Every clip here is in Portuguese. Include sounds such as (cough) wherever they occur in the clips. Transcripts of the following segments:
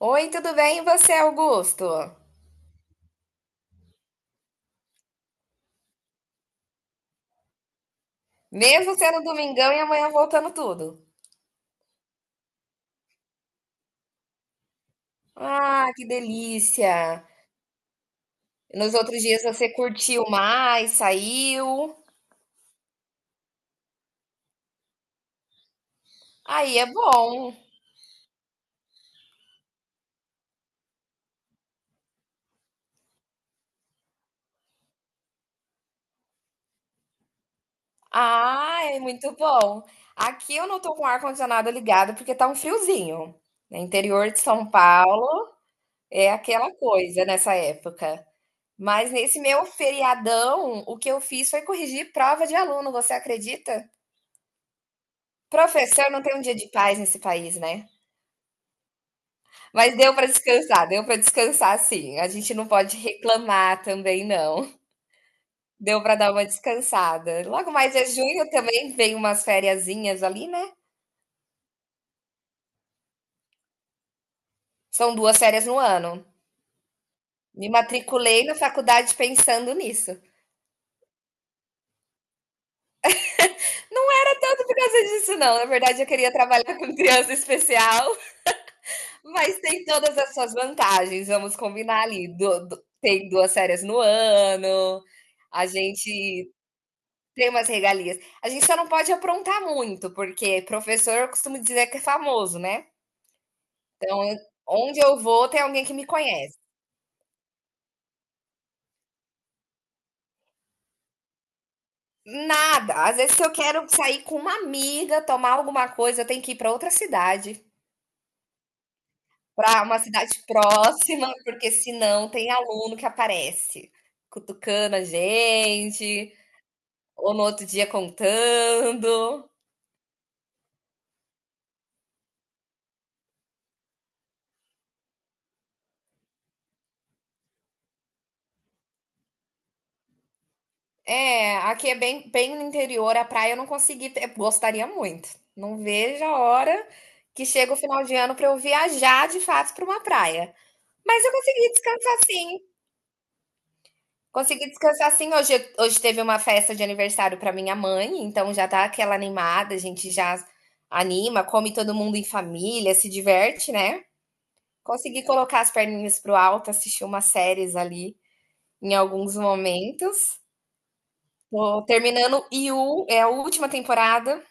Oi, tudo bem? E você, Augusto? Mesmo sendo domingão e amanhã voltando tudo. Ah, que delícia! Nos outros dias você curtiu mais, saiu. Aí é bom. Ah, é muito bom. Aqui eu não tô com o ar-condicionado ligado porque tá um friozinho. No interior de São Paulo é aquela coisa nessa época. Mas nesse meu feriadão, o que eu fiz foi corrigir prova de aluno, você acredita? Professor não tem um dia de paz nesse país, né? Mas deu para descansar sim. A gente não pode reclamar também não. Deu para dar uma descansada. Logo mais é junho também, vem umas fériasinhas ali, né? São 2 férias no ano. Me matriculei na faculdade pensando nisso. Não era tanto por causa disso não, na verdade eu queria trabalhar com criança especial, mas tem todas as suas vantagens, vamos combinar ali. Du du Tem 2 férias no ano, a gente tem umas regalias. A gente só não pode aprontar muito, porque professor eu costumo dizer que é famoso, né? Então, onde eu vou, tem alguém que me conhece. Nada. Às vezes, se eu quero sair com uma amiga, tomar alguma coisa, eu tenho que ir para outra cidade, para uma cidade próxima, porque senão tem aluno que aparece cutucando a gente, ou no outro dia contando. É, aqui é bem, bem no interior, a praia eu não consegui, gostaria muito. Não vejo a hora que chega o final de ano para eu viajar de fato para uma praia. Mas eu consegui descansar sim. Consegui descansar sim. Hoje teve uma festa de aniversário para minha mãe, então já tá aquela animada, a gente já anima, come todo mundo em família, se diverte, né? Consegui colocar as perninhas pro alto, assistir umas séries ali em alguns momentos. Tô terminando You, é a última temporada.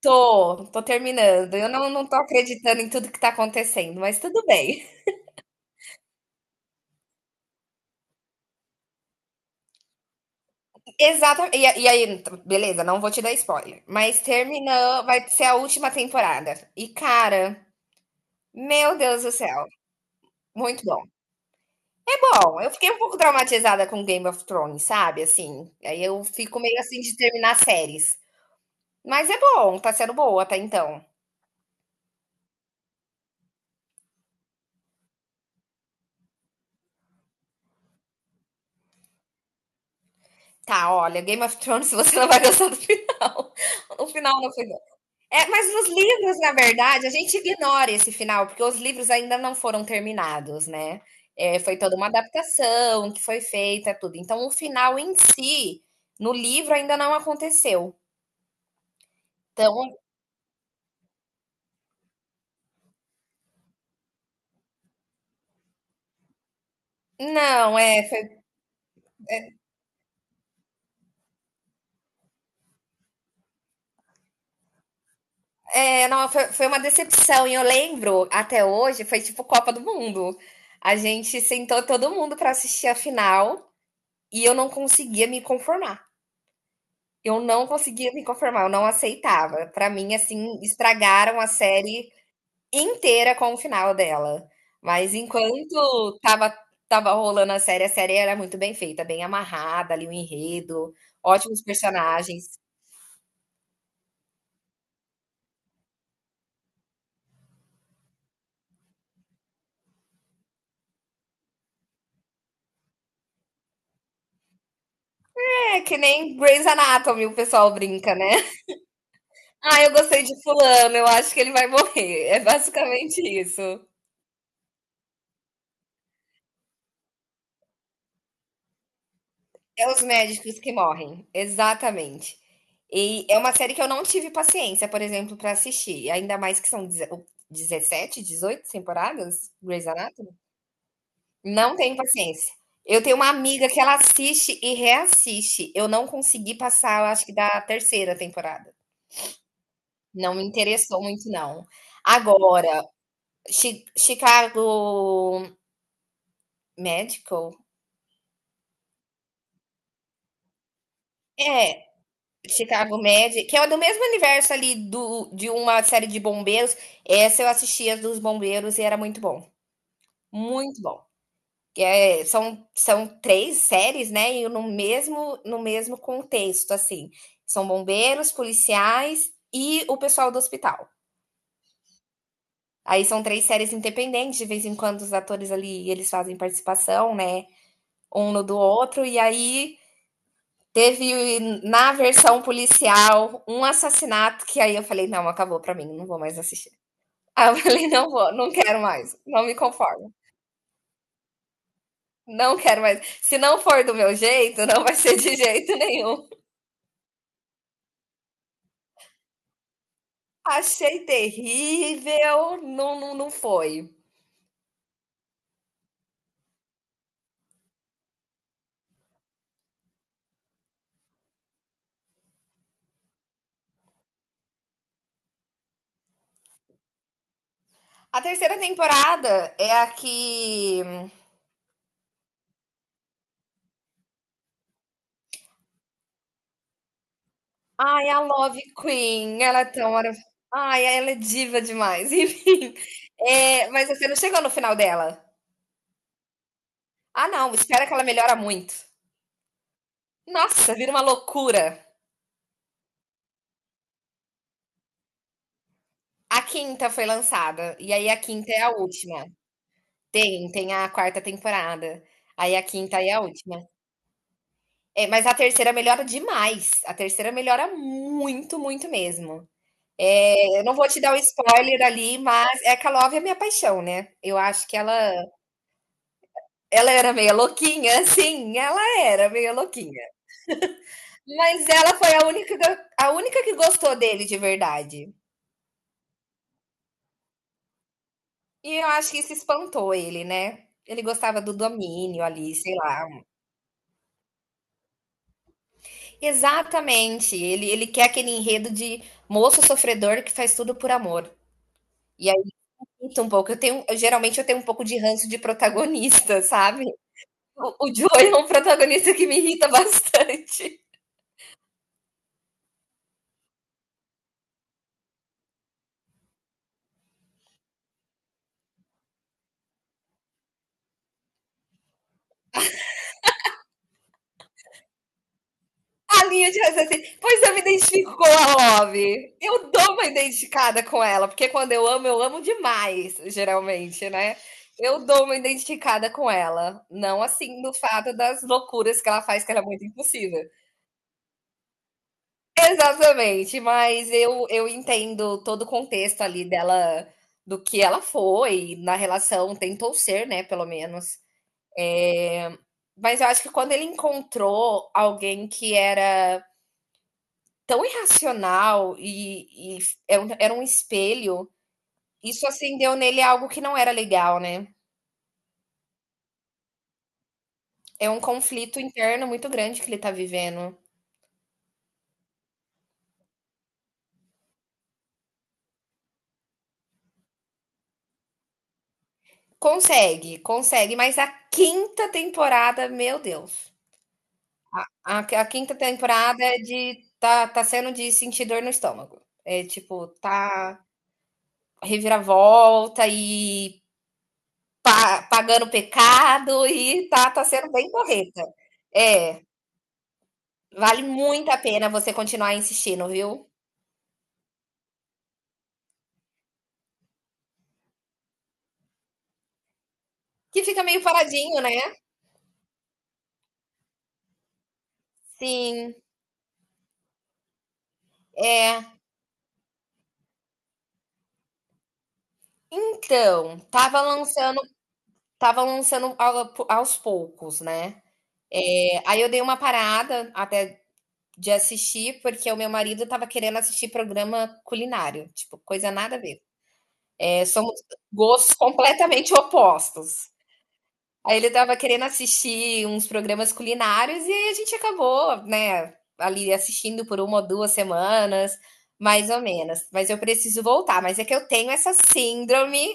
Tô terminando. Eu não tô acreditando em tudo que tá acontecendo, mas tudo bem. (laughs) Exatamente. E aí, beleza, não vou te dar spoiler. Mas terminou, vai ser a última temporada. E, cara, meu Deus do céu, muito bom. É bom, eu fiquei um pouco traumatizada com Game of Thrones, sabe? Assim, aí eu fico meio assim de terminar séries. Mas é bom, tá sendo boa até então. Tá, olha, Game of Thrones, (laughs) você não vai gostar do final. (laughs) O final não foi. É, mas nos livros, na verdade, a gente ignora esse final, porque os livros ainda não foram terminados, né? É, foi toda uma adaptação que foi feita, tudo. Então, o final em si, no livro, ainda não aconteceu. Então, não, é, foi, é, não, foi uma decepção. E eu lembro, até hoje, foi tipo Copa do Mundo. A gente sentou todo mundo para assistir a final e eu não conseguia me conformar. Eu não conseguia me conformar, eu não aceitava. Para mim, assim, estragaram a série inteira com o final dela. Mas enquanto tava rolando a série era muito bem feita, bem amarrada ali o enredo, ótimos personagens. É que nem Grey's Anatomy, o pessoal brinca, né? (laughs) Ah, eu gostei de fulano, eu acho que ele vai morrer. É basicamente isso. É os médicos que morrem, exatamente. E é uma série que eu não tive paciência, por exemplo, para assistir, ainda mais que são 17 18 temporadas Grey's Anatomy. Não tenho paciência. Eu tenho uma amiga que ela assiste e reassiste. Eu não consegui passar, eu acho que da terceira temporada. Não me interessou muito, não. Agora, Chicago Medical? É, Chicago Med, que é do mesmo universo ali do de uma série de bombeiros. Essa eu assistia dos bombeiros e era muito bom, muito bom. É, são três séries, né? E no mesmo contexto, assim. São bombeiros, policiais e o pessoal do hospital. Aí são três séries independentes, de vez em quando os atores ali, eles fazem participação, né? Um no do outro, e aí teve na versão policial um assassinato que aí eu falei, não, acabou pra mim, não vou mais assistir. Aí eu falei, não vou, não quero mais, não me conformo, não quero mais. Se não for do meu jeito, não vai ser de jeito nenhum. Achei terrível. Não, não, não foi. A terceira temporada é a que. Ai, a Love Queen. Ela é tão. Ai, ela é diva demais. (laughs) Enfim. É, mas você não chegou no final dela. Ah, não. Espera que ela melhora muito. Nossa, vira uma loucura. A quinta foi lançada. E aí a quinta é a última. Tem a quarta temporada. Aí a quinta é a última. É, mas a terceira melhora demais. A terceira melhora muito, muito mesmo. É, eu não vou te dar um spoiler ali, mas Eka Love é minha paixão, né? Eu acho que ela era meio louquinha, (laughs) sim, ela era meio louquinha. Mas ela foi a única que gostou dele de verdade. E eu acho que isso espantou ele, né? Ele gostava do domínio ali, sei lá. Exatamente. Ele quer aquele enredo de moço sofredor que faz tudo por amor. E aí, sinto um pouco. Geralmente eu tenho um pouco de ranço de protagonista, (laughs) sabe? O Joey é um protagonista que me irrita bastante. A linha de raciocínio. Pois eu me identifico com a Love. Eu dou uma identificada com ela, porque quando eu amo demais, geralmente, né? Eu dou uma identificada com ela. Não assim do fato das loucuras que ela faz, que ela é muito impossível. Exatamente, mas eu entendo todo o contexto ali dela, do que ela foi, na relação, tentou ser, né, pelo menos. É, mas eu acho que quando ele encontrou alguém que era tão irracional e era um espelho, isso acendeu nele algo que não era legal, né? É um conflito interno muito grande que ele tá vivendo. Consegue, consegue, mas a quinta temporada, meu Deus. A quinta temporada é de. Tá sendo de sentir dor no estômago. É tipo, tá reviravolta e Pa pagando pecado e tá sendo bem correta. É, vale muito a pena você continuar insistindo, viu. Que fica meio paradinho, né. Sim, é. Então, tava lançando ao aos poucos, né. Aí eu dei uma parada até de assistir, porque o meu marido tava querendo assistir programa culinário, tipo, coisa nada a ver. É, somos gostos completamente opostos. Aí ele estava querendo assistir uns programas culinários e aí a gente acabou, né, ali assistindo por uma ou 2 semanas, mais ou menos. Mas eu preciso voltar, mas é que eu tenho essa síndrome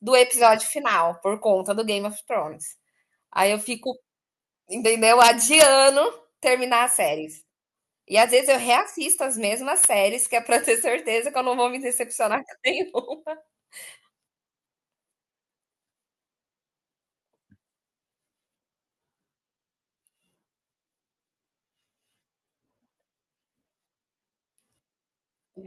do episódio final, por conta do Game of Thrones. Aí eu fico, entendeu? Adiando terminar as séries. E às vezes eu reassisto as mesmas séries, que é pra ter certeza que eu não vou me decepcionar com nenhum.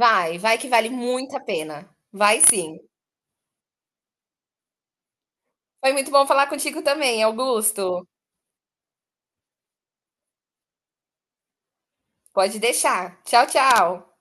Vai, vai que vale muito a pena. Vai sim. Foi muito bom falar contigo também, Augusto. Pode deixar. Tchau, tchau.